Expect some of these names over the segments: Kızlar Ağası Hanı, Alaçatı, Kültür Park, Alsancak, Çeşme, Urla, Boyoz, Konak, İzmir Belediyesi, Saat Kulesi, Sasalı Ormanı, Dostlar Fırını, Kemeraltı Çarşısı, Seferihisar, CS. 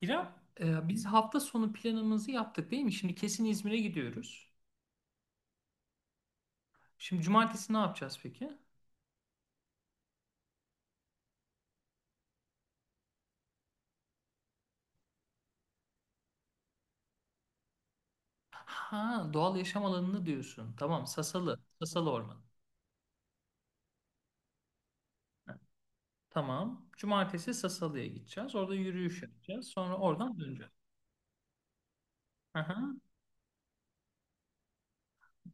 İrem, biz hafta sonu planımızı yaptık değil mi? Şimdi kesin İzmir'e gidiyoruz. Şimdi cumartesi ne yapacağız peki? Ha, doğal yaşam alanını diyorsun. Tamam, Sasalı. Sasalı Ormanı. Ha, tamam. Cumartesi Sasalı'ya gideceğiz. Orada yürüyüş yapacağız. Sonra oradan döneceğiz. Aha.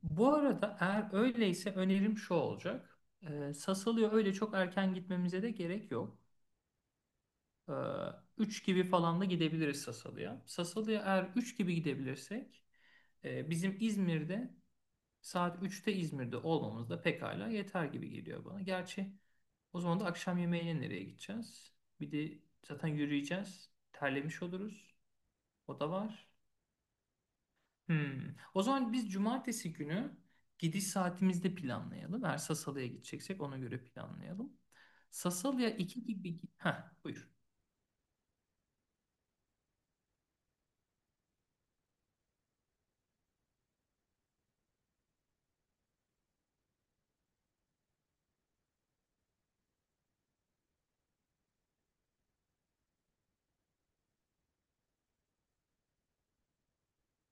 Bu arada eğer öyleyse önerim şu olacak. Sasalı'ya öyle çok erken gitmemize de gerek yok. E, 3 gibi falan da gidebiliriz Sasalı'ya. Sasalı'ya eğer 3 gibi gidebilirsek e, bizim İzmir'de Saat 3'te İzmir'de olmamız da pekala yeter gibi geliyor bana. Gerçi o zaman da akşam yemeğine nereye gideceğiz? Bir de zaten yürüyeceğiz. Terlemiş oluruz. O da var. Hmm. O zaman biz cumartesi günü gidiş saatimizde planlayalım. Eğer Sasalı'ya gideceksek ona göre planlayalım. Sasalı'ya 2 gibi... Heh, buyur.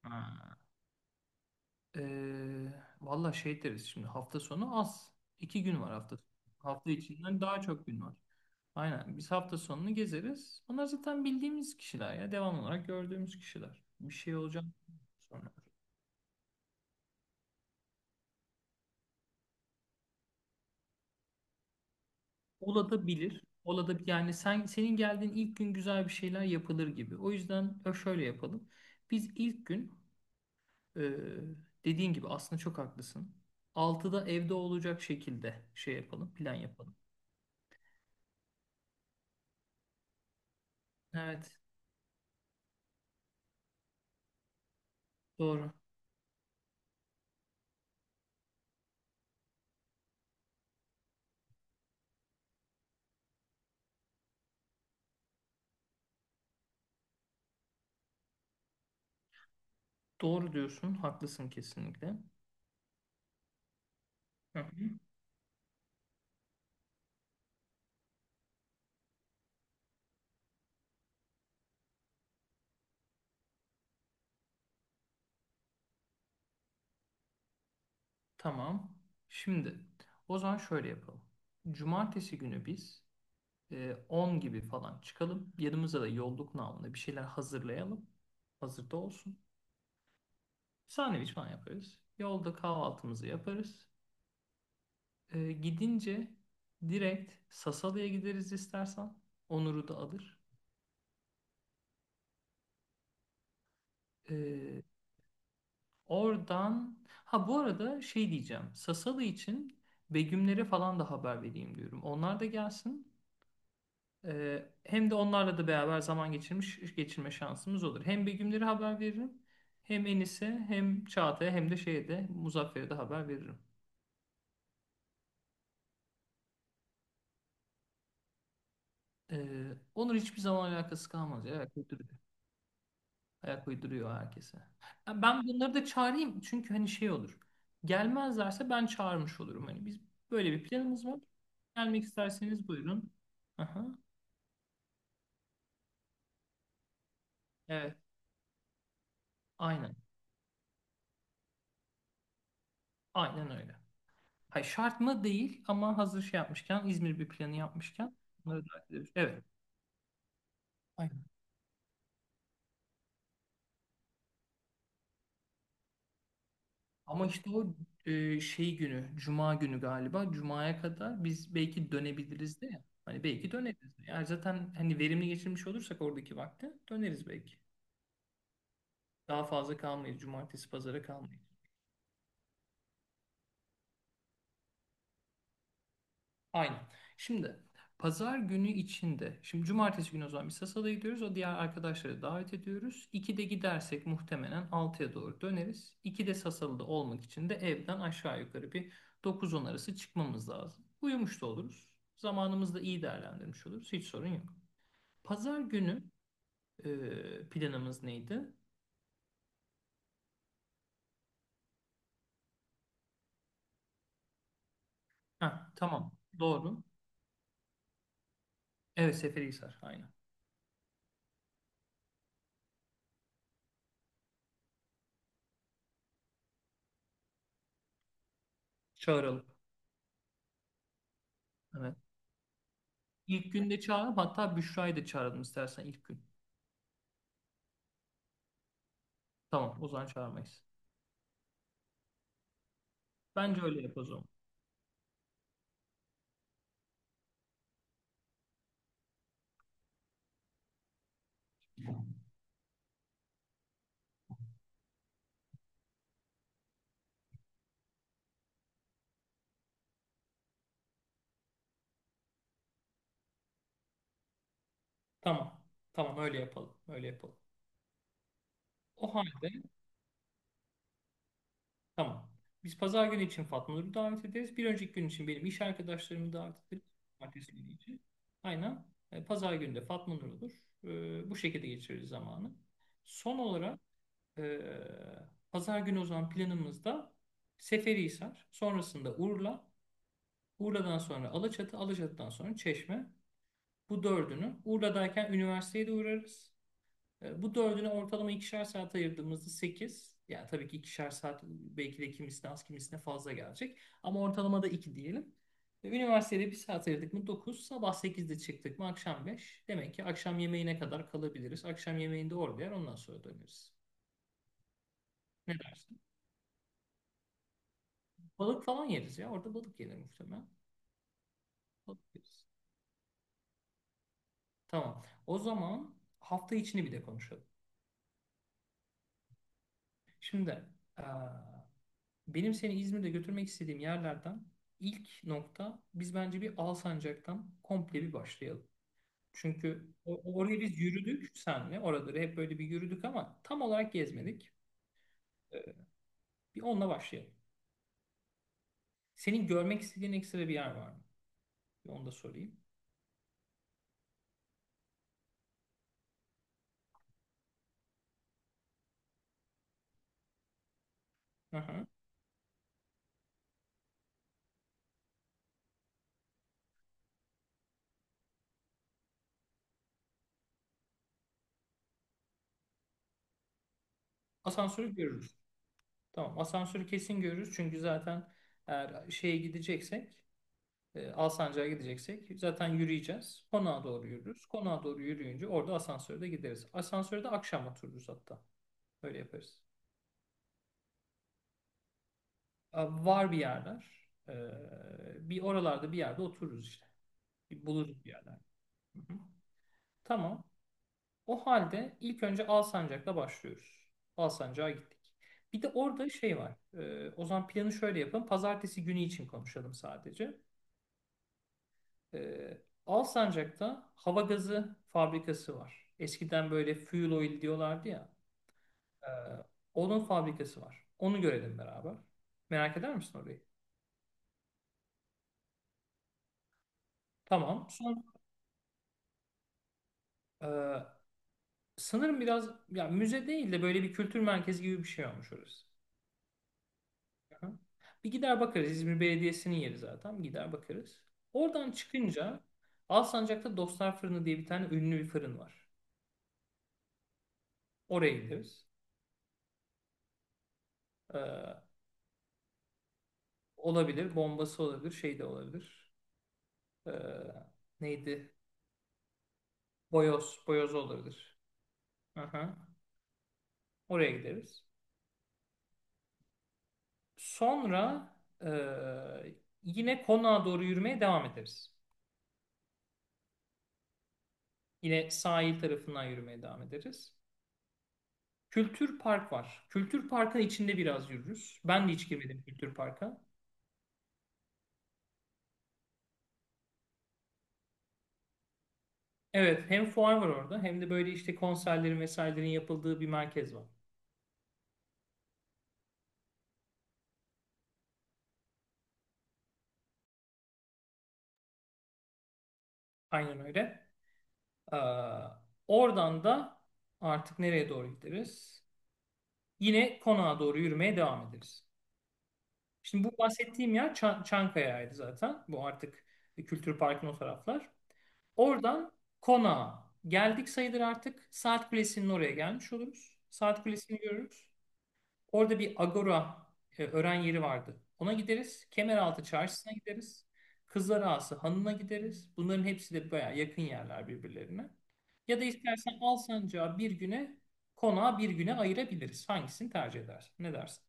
Ha. Ee, valla şey deriz şimdi hafta sonu az. İki gün var hafta sonu. Hafta içinden daha çok gün var. Aynen. Biz hafta sonunu gezeriz. Onlar zaten bildiğimiz kişiler ya. Devam olarak gördüğümüz kişiler. Bir şey olacak sonra. Olabilir. Olabilir. Yani senin geldiğin ilk gün güzel bir şeyler yapılır gibi. O yüzden şöyle yapalım. Biz ilk gün e, dediğin gibi aslında çok haklısın. 6'da evde olacak şekilde şey yapalım. Plan yapalım. Evet. Doğru. Doğru diyorsun, haklısın kesinlikle. Hı hı. Tamam. Şimdi o zaman şöyle yapalım. Cumartesi günü biz 10 gibi falan çıkalım. Yanımıza da yolluk namına bir şeyler hazırlayalım. Hazırda olsun. Sandviç falan yaparız. Yolda kahvaltımızı yaparız. Gidince direkt Sasalı'ya gideriz istersen. Onur'u da alır. E, Oradan ha bu arada şey diyeceğim. Sasalı için Begümlere falan da haber vereyim diyorum. Onlar da gelsin. Hem de onlarla da beraber zaman geçirme şansımız olur. Hem Begümlere haber veririm. Hem Enis'e hem Çağatay'a hem de şeye de Muzaffer'e de haber veririm. Onun hiçbir zaman alakası kalmaz ya. Kültür. Ayak uyduruyor herkese. Ya ben bunları da çağırayım çünkü hani şey olur. Gelmezlerse ben çağırmış olurum. Hani biz böyle bir planımız var. Gelmek isterseniz buyurun. Aha, evet, aynen. Aynen öyle. Hayır, şart mı değil ama hazır şey yapmışken, İzmir bir planı yapmışken bunları da hallederiz. Evet. Aynen. Ama işte o şey günü, Cuma günü galiba. Cuma'ya kadar biz belki dönebiliriz de ya. Hani belki döneriz. Eğer zaten hani verimli geçirmiş olursak oradaki vakti döneriz belki. Daha fazla kalmayız. Cumartesi pazara kalmayız. Aynen. Şimdi pazar günü içinde. Şimdi cumartesi günü o zaman biz Sasa'da gidiyoruz. O diğer arkadaşları davet ediyoruz. 2'de gidersek muhtemelen 6'ya doğru döneriz. 2'de Sasalı'da olmak için de evden aşağı yukarı bir dokuz 10 arası çıkmamız lazım. Uyumuş da oluruz. Zamanımızı da iyi değerlendirmiş oluruz. Hiç sorun yok. Pazar günü planımız neydi? Ha, tamam. Doğru. Evet Seferihisar. Aynen. Çağıralım. Evet. İlk günde çağırıp hatta Büşra'yı da çağıralım istersen ilk gün. Tamam o zaman çağırmayız. Bence öyle yapalım o zaman. Tamam. Tamam öyle yapalım. Öyle yapalım. O halde tamam. Biz pazar günü için Fatma Nur'u davet ederiz. Bir önceki gün için benim iş arkadaşlarımı davet ederiz. Cumartesi günü için. Aynen. Pazar günü de Fatma Nur olur. Bu şekilde geçiririz zamanı. Son olarak e, pazar günü o zaman planımızda Seferihisar, sonrasında Urla, Urla'dan sonra Alaçatı, Alaçatı'dan sonra Çeşme. Bu dördünü Urla'dayken üniversiteye de uğrarız. Bu dördünü ortalama ikişer saat ayırdığımızda sekiz. Yani tabii ki ikişer saat belki de kimisine az kimisine fazla gelecek. Ama ortalama da 2 diyelim. Üniversitede bir saat ayırdık mı Dokuz. Sabah 8'de çıktık mı akşam 5. Demek ki akşam yemeğine kadar kalabiliriz. Akşam yemeğinde orada yer ondan sonra döneriz. Ne dersin? Balık falan yeriz ya. Orada balık yenir muhtemelen. Balık yeriz. Tamam. O zaman hafta içini bir de konuşalım. Şimdi eee, benim seni İzmir'de götürmek istediğim yerlerden ilk nokta biz bence bir Alsancak'tan komple bir başlayalım. Çünkü orayı biz yürüdük senle. Oraları hep böyle bir yürüdük ama tam olarak gezmedik. Ee, Bir onunla başlayalım. Senin görmek istediğin ekstra bir yer var mı? Bir onu da sorayım. Aha. Asansörü görürüz. Tamam asansörü kesin görürüz. Çünkü zaten eğer şeye gideceksek Alsancak'a gideceksek zaten yürüyeceğiz. Konağa doğru yürürüz. Konağa doğru yürüyünce orada asansörde gideriz. Asansörde akşam otururuz hatta. Öyle yaparız. Var bir yerler. Bir oralarda bir yerde otururuz işte. Bir buluruz bir yerler. Hı hı. Tamam. O halde ilk önce Alsancak'la başlıyoruz. Alsancak'a gittik. Bir de orada şey var. O zaman planı şöyle yapalım. Pazartesi günü için konuşalım sadece. Ee, Alsancak'ta hava gazı fabrikası var. Eskiden böyle fuel oil diyorlardı ya. Ee, onun fabrikası var. Onu görelim beraber. Merak eder misin orayı? Tamam. E, sanırım biraz ya müze değil de böyle bir kültür merkezi gibi bir şey olmuş orası. Hı hı. Bir gider bakarız. İzmir Belediyesi'nin yeri zaten. Gider bakarız. Oradan çıkınca Alsancak'ta Dostlar Fırını diye bir tane ünlü bir fırın var. Oraya gideriz. Ee, olabilir. Bombası olabilir. Şey de olabilir. Ee, neydi? Boyoz. Boyoz olabilir. Aha. Oraya gideriz. Sonra e, yine konağa doğru yürümeye devam ederiz. Yine sahil tarafından yürümeye devam ederiz. Kültür Park var. Kültür Park'ın içinde biraz yürürüz. Ben de hiç girmedim Kültür Park'a. Evet, hem fuar var orada hem de böyle işte konserlerin vesairelerin yapıldığı bir merkez var. Aynen öyle. Ee, oradan da artık nereye doğru gideriz? Yine konağa doğru yürümeye devam ederiz. Şimdi bu bahsettiğim yer Çankaya'ydı zaten. Bu artık Kültür Park'ın o taraflar. Oradan konağa geldik sayılır artık. Saat Kulesi'nin oraya gelmiş oluruz. Saat Kulesi'ni görürüz. Orada bir agora öğren yeri vardı. Ona gideriz. Kemeraltı Çarşısı'na gideriz. Kızlar Ağası Hanı'na gideriz. Bunların hepsi de bayağı yakın yerler birbirlerine. Ya da istersen Alsancak'a bir güne, konağa bir güne ayırabiliriz. Hangisini tercih edersin? Ne dersin?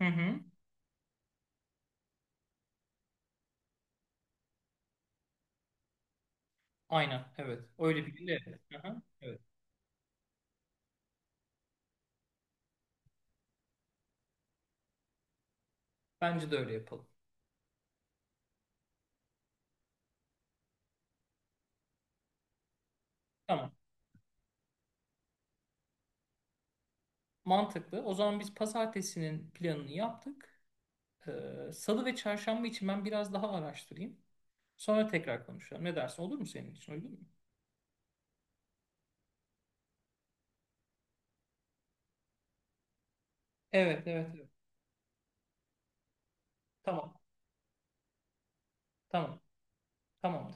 Hı hı. Aynen, evet. Öyle bir gün evet. Aha, evet. Bence de öyle yapalım. Tamam. Mantıklı. O zaman biz pazartesinin planını yaptık. Salı ve çarşamba için ben biraz daha araştırayım. Sonra tekrar konuşalım. Ne dersin? Olur mu senin için? Uygun mu? Evet, evet, evet. Tamam, tamam. Tamamdır.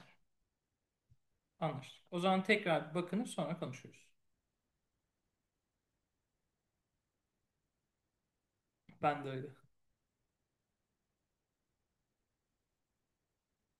Anlaştık. O zaman tekrar bakınıp sonra konuşuruz. Ben de öyle.